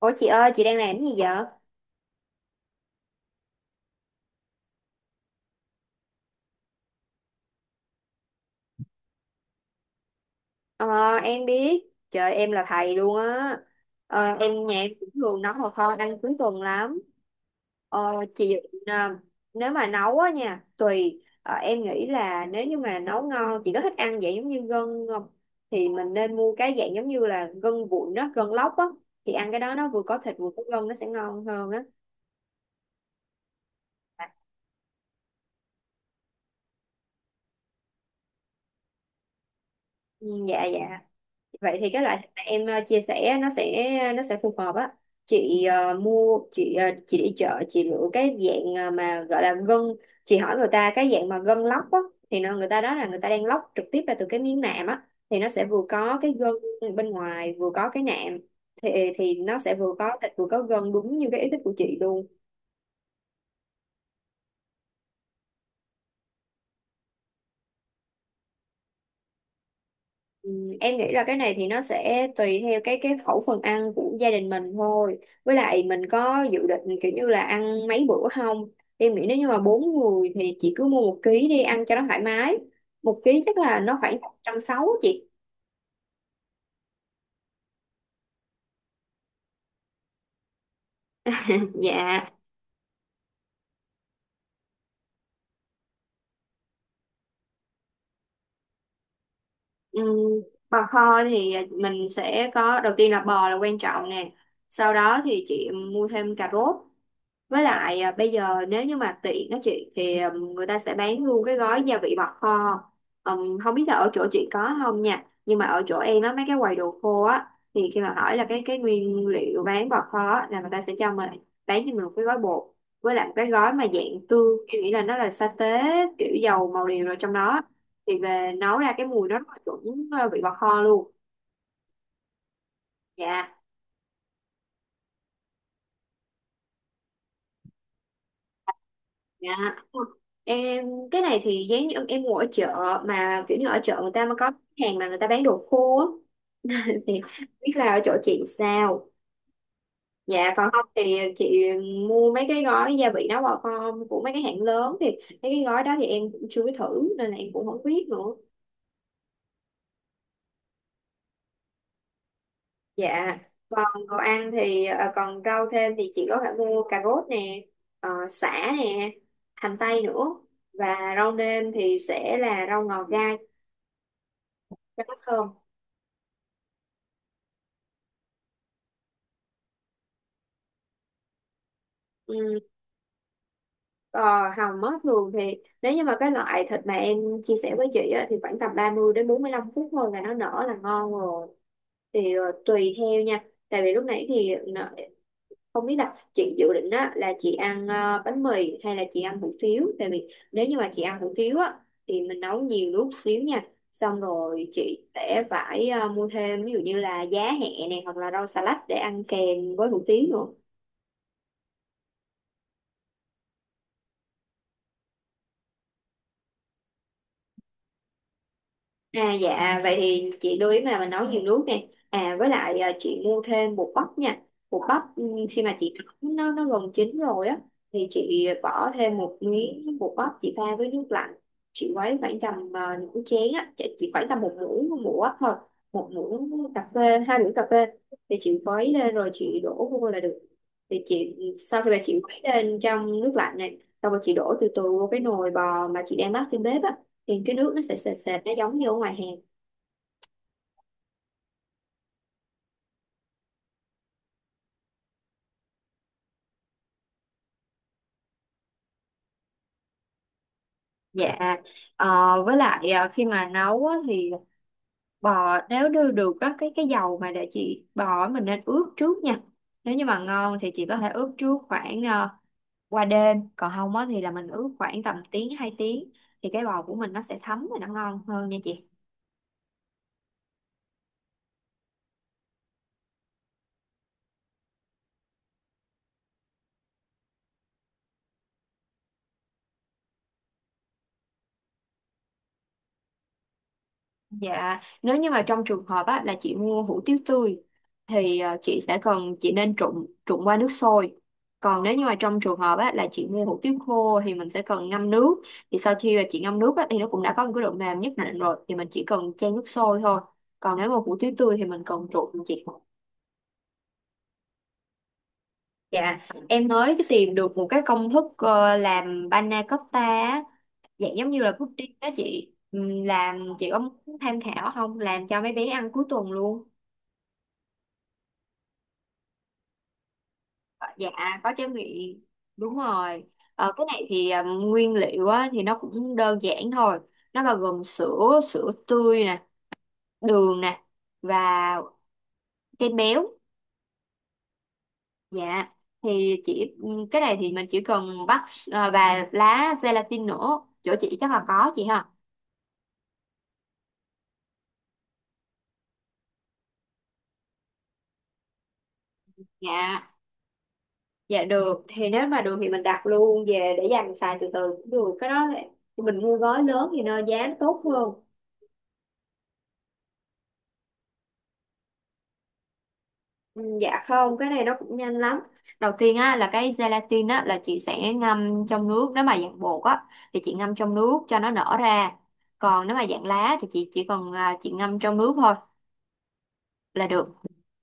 Ủa chị ơi, chị đang làm cái gì vậy? Ờ, em biết. Trời, em là thầy luôn á. Em nhà em cũng thường nấu hồ kho ăn cuối tuần lắm. Ờ, chị ờ, Nếu mà nấu á nha, tùy. Ờ, em nghĩ là nếu như mà nấu ngon, chị có thích ăn vậy giống như gân không? Thì mình nên mua cái dạng giống như là gân vụn đó, gân lóc á. Thì ăn cái đó nó vừa có thịt vừa có gân nó sẽ ngon hơn á. Ừ, dạ dạ. Vậy thì cái loại thịt mà em chia sẻ nó sẽ phù hợp á, chị chị đi chợ chị lựa cái dạng mà gọi là gân, chị hỏi người ta cái dạng mà gân lóc á, thì nó người ta đó là người ta đang lóc trực tiếp ra từ cái miếng nạm á, thì nó sẽ vừa có cái gân bên ngoài vừa có cái nạm, thì nó sẽ vừa có thịt vừa có gân đúng như cái ý thích của chị luôn. Ừ, em nghĩ là cái này thì nó sẽ tùy theo cái khẩu phần ăn của gia đình mình thôi. Với lại mình có dự định kiểu như là ăn mấy bữa không? Em nghĩ nếu như mà bốn người thì chị cứ mua một ký đi ăn cho nó thoải mái. Một ký chắc là nó khoảng 160 chị. Dạ. ừm, Bò kho thì mình sẽ có đầu tiên là bò là quan trọng nè. Sau đó thì chị mua thêm cà rốt. Với lại à, bây giờ nếu như mà tiện á chị thì người ta sẽ bán luôn cái gói gia vị bọt kho. Không biết là ở chỗ chị có không nha. Nhưng mà ở chỗ em á mấy cái quầy đồ khô á thì khi mà hỏi là cái nguyên liệu bán bọt kho á, là người ta sẽ cho mình bán cho mình một cái gói bột, với lại một cái gói mà dạng tương em nghĩ là nó là sa tế, kiểu dầu màu điều rồi trong đó, thì về nấu ra cái mùi nó rất là chuẩn vị bọt kho luôn. Dạ. Dạ. Em cái này thì giống như em ngồi ở chợ, mà kiểu như ở chợ người ta mà có hàng mà người ta bán đồ khô á, thì biết là ở chỗ chị sao. Dạ còn không thì chị mua mấy cái gói gia vị nấu bò con của mấy cái hãng lớn, thì mấy cái gói đó thì em cũng chưa có thử nên là em cũng không biết nữa. Dạ. Còn đồ ăn thì còn rau thêm thì chị có thể mua cà rốt nè, sả nè, hành tây nữa, và rau nêm thì sẽ là rau ngò gai cho nó thơm. Ừ. Ờ, Hầm á, thường thì nếu như mà cái loại thịt mà em chia sẻ với chị á, thì khoảng tầm 30 đến 45 phút thôi là nó nở là ngon rồi, thì tùy theo nha, tại vì lúc nãy thì không biết là chị dự định á, là chị ăn bánh mì hay là chị ăn hủ tiếu, tại vì nếu như mà chị ăn hủ tiếu á, thì mình nấu nhiều nước xíu nha, xong rồi chị sẽ phải mua thêm ví dụ như là giá hẹ này hoặc là rau xà lách để ăn kèm với hủ tiếu nữa. À dạ vậy thì chị lưu ý là mình nấu nhiều nước nè, à với lại à, chị mua thêm bột bắp nha. Bột bắp khi mà chị nấu nó gần chín rồi á, thì chị bỏ thêm một miếng bột bắp chị pha với nước lạnh, chị quấy khoảng tầm à, nửa chén á chị khoảng tầm một muỗng bắp thôi, một muỗng cà phê hai muỗng cà phê, thì chị quấy lên rồi chị đổ vô là được. Thì chị sau khi mà chị quấy lên trong nước lạnh này xong rồi chị đổ từ từ vô cái nồi bò mà chị đang bắt trên bếp á, thì cái nước nó sẽ sệt sệt nó giống như ở ngoài hàng. Dạ, với lại khi mà nấu á, thì bò nếu đưa được á, cái dầu mà để chị bò á, mình nên ướp trước nha. Nếu như mà ngon thì chị có thể ướp trước khoảng qua đêm, còn không á, thì là mình ướp khoảng tầm tiếng 2 tiếng, thì cái bò của mình nó sẽ thấm và nó ngon hơn nha chị. Dạ, nếu như mà trong trường hợp á, là chị mua hủ tiếu tươi thì chị sẽ cần chị nên trụng trụng qua nước sôi. Còn nếu như mà trong trường hợp á, là chị mua hủ tiếu khô thì mình sẽ cần ngâm nước. Thì sau khi mà chị ngâm nước á, thì nó cũng đã có một cái độ mềm nhất định rồi thì mình chỉ cần chan nước sôi thôi. Còn nếu mà hủ tiếu tươi thì mình cần trụng chị. Dạ, em mới tìm được một cái công thức làm panna cotta á, dạng giống như là pudding đó chị. Làm chị có muốn tham khảo không? Làm cho mấy bé ăn cuối tuần luôn. Dạ có tráng miệng đúng rồi. Cái này thì à, nguyên liệu á, thì nó cũng đơn giản thôi, nó bao gồm sữa sữa tươi nè, đường nè, và kem béo. Dạ thì chỉ cái này thì mình chỉ cần bắt, à, và lá gelatin nữa chỗ chị chắc là có chị ha. Dạ dạ được, thì nếu mà được thì mình đặt luôn về để dành xài từ từ cũng được, cái đó thì mình mua gói lớn thì nó giá nó tốt hơn. Ừ, dạ không, cái này nó cũng nhanh lắm. Đầu tiên á là cái gelatin á là chị sẽ ngâm trong nước, nếu mà dạng bột á thì chị ngâm trong nước cho nó nở ra. Còn nếu mà dạng lá thì chị chỉ cần à, chị ngâm trong nước thôi là được.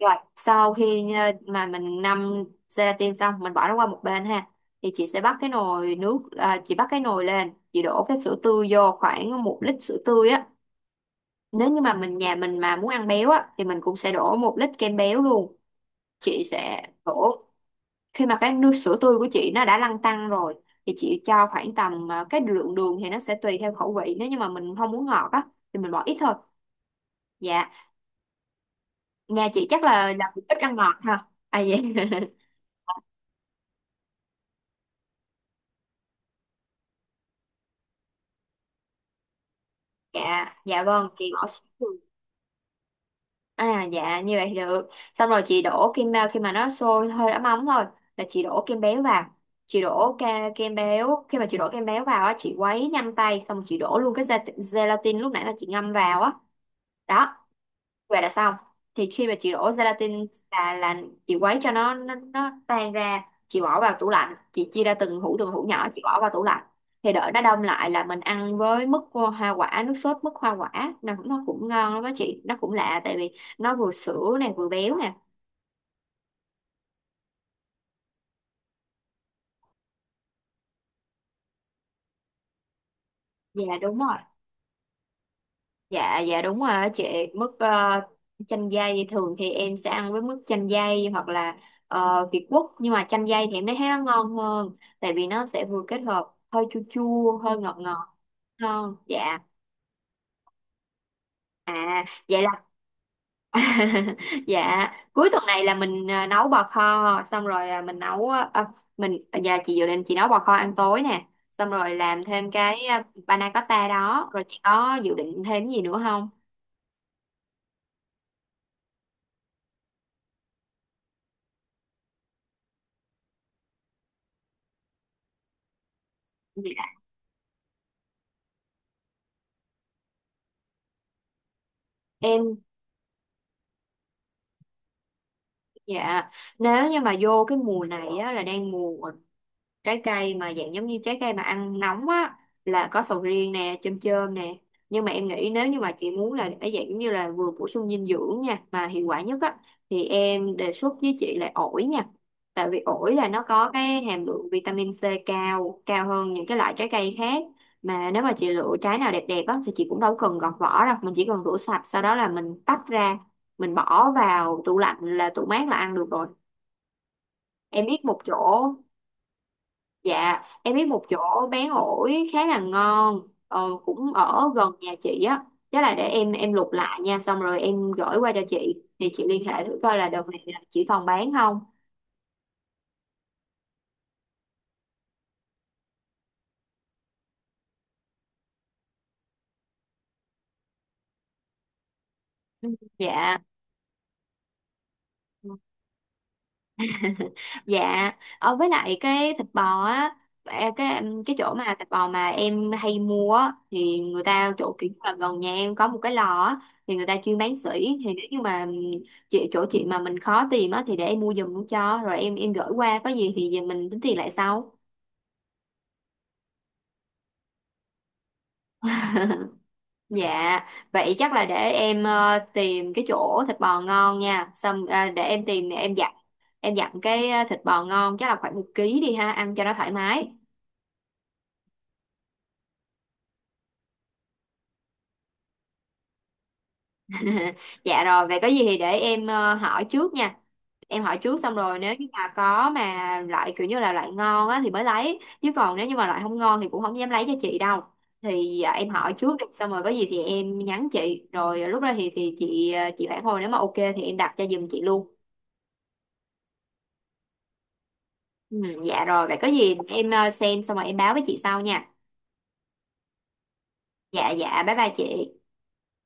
Rồi, sau khi à, mà mình ngâm gelatin xong mình bỏ nó qua một bên ha. Thì chị sẽ bắt cái nồi nước à, chị bắt cái nồi lên, chị đổ cái sữa tươi vô khoảng một lít sữa tươi á. Nếu như mà mình nhà mình mà muốn ăn béo á thì mình cũng sẽ đổ một lít kem béo luôn. Chị sẽ đổ khi mà cái nước sữa tươi của chị nó đã lăn tăn rồi, thì chị cho khoảng tầm à, cái lượng đường thì nó sẽ tùy theo khẩu vị, nếu như mà mình không muốn ngọt á thì mình bỏ ít thôi. Dạ nhà chị chắc là ít ăn ngọt ha à dạ. Dạ dạ vâng chị bỏ sữa đường. À dạ như vậy thì được, xong rồi chị đổ kem à, khi mà nó sôi hơi ấm ấm thôi là chị đổ kem béo vào, chị đổ kem béo, khi mà chị đổ kem béo vào á chị quấy nhanh tay xong rồi chị đổ luôn cái gelatin lúc nãy mà chị ngâm vào á đó và đã xong. Thì khi mà chị đổ gelatin là chị quấy cho nó tan ra, chị bỏ vào tủ lạnh, chị chia ra từng hũ nhỏ chị bỏ vào tủ lạnh, thì đợi nó đông lại là mình ăn với mứt hoa quả, nước sốt mứt hoa quả nó cũng ngon lắm đó chị, nó cũng lạ tại vì nó vừa sữa này vừa béo nè. Dạ đúng rồi. Dạ dạ đúng rồi á chị, mức chanh dây, thường thì em sẽ ăn với mức chanh dây hoặc là Việt Quất, nhưng mà chanh dây thì em thấy nó ngon hơn tại vì nó sẽ vừa kết hợp hơi chua chua hơi ngọt ngọt ngon dạ. À vậy là dạ cuối tuần này là mình nấu bò kho xong rồi là mình nấu ờ, ờ, mình dạ chị dự định chị nấu bò kho ăn tối nè xong rồi làm thêm cái panna cotta đó, rồi chị có dự định thêm gì nữa không. Dạ. Em dạ, nếu như mà vô cái mùa này á, là đang mùa trái cây mà dạng giống như trái cây mà ăn nóng á là có sầu riêng nè chôm chôm nè, nhưng mà em nghĩ nếu như mà chị muốn là để dạng giống như là vừa bổ sung dinh dưỡng nha mà hiệu quả nhất á thì em đề xuất với chị là ổi nha, tại vì ổi là nó có cái hàm lượng vitamin C cao cao hơn những cái loại trái cây khác, mà nếu mà chị lựa trái nào đẹp đẹp á thì chị cũng đâu cần gọt vỏ đâu, mình chỉ cần rửa sạch sau đó là mình tách ra, mình bỏ vào tủ lạnh là tủ mát là ăn được rồi. Em biết một chỗ. Dạ, em biết một chỗ bán ổi khá là ngon, cũng ở gần nhà chị á. Chắc là để em lục lại nha, xong rồi em gửi qua cho chị. Thì chị liên hệ thử coi là đợt này là chị còn bán không. Ừ. Dạ. Dạ, ở với lại cái thịt bò á, cái chỗ mà thịt bò mà em hay mua á, thì người ta chỗ kiểu là gần nhà em có một cái lò á, thì người ta chuyên bán sỉ, thì nếu như mà chị chỗ chị mà mình khó tìm á thì để em mua giùm cho rồi em gửi qua, có gì thì mình tính tiền lại sau. Dạ, vậy chắc là để em tìm cái chỗ thịt bò ngon nha. Xong để em tìm em dặn cái thịt bò ngon chắc là khoảng một ký đi ha, ăn cho nó thoải mái. Dạ rồi, vậy có gì thì để em hỏi trước nha. Em hỏi trước xong rồi nếu như mà có mà loại kiểu như là loại ngon á thì mới lấy. Chứ còn nếu như mà loại không ngon thì cũng không dám lấy cho chị đâu. Thì em hỏi trước đi, xong rồi có gì thì em nhắn chị. Rồi lúc đó thì chị chị phản hồi nếu mà ok thì em đặt cho giùm chị luôn. Ừ, dạ rồi, vậy có gì em xem xong rồi em báo với chị sau nha. Dạ dạ, bye bye chị.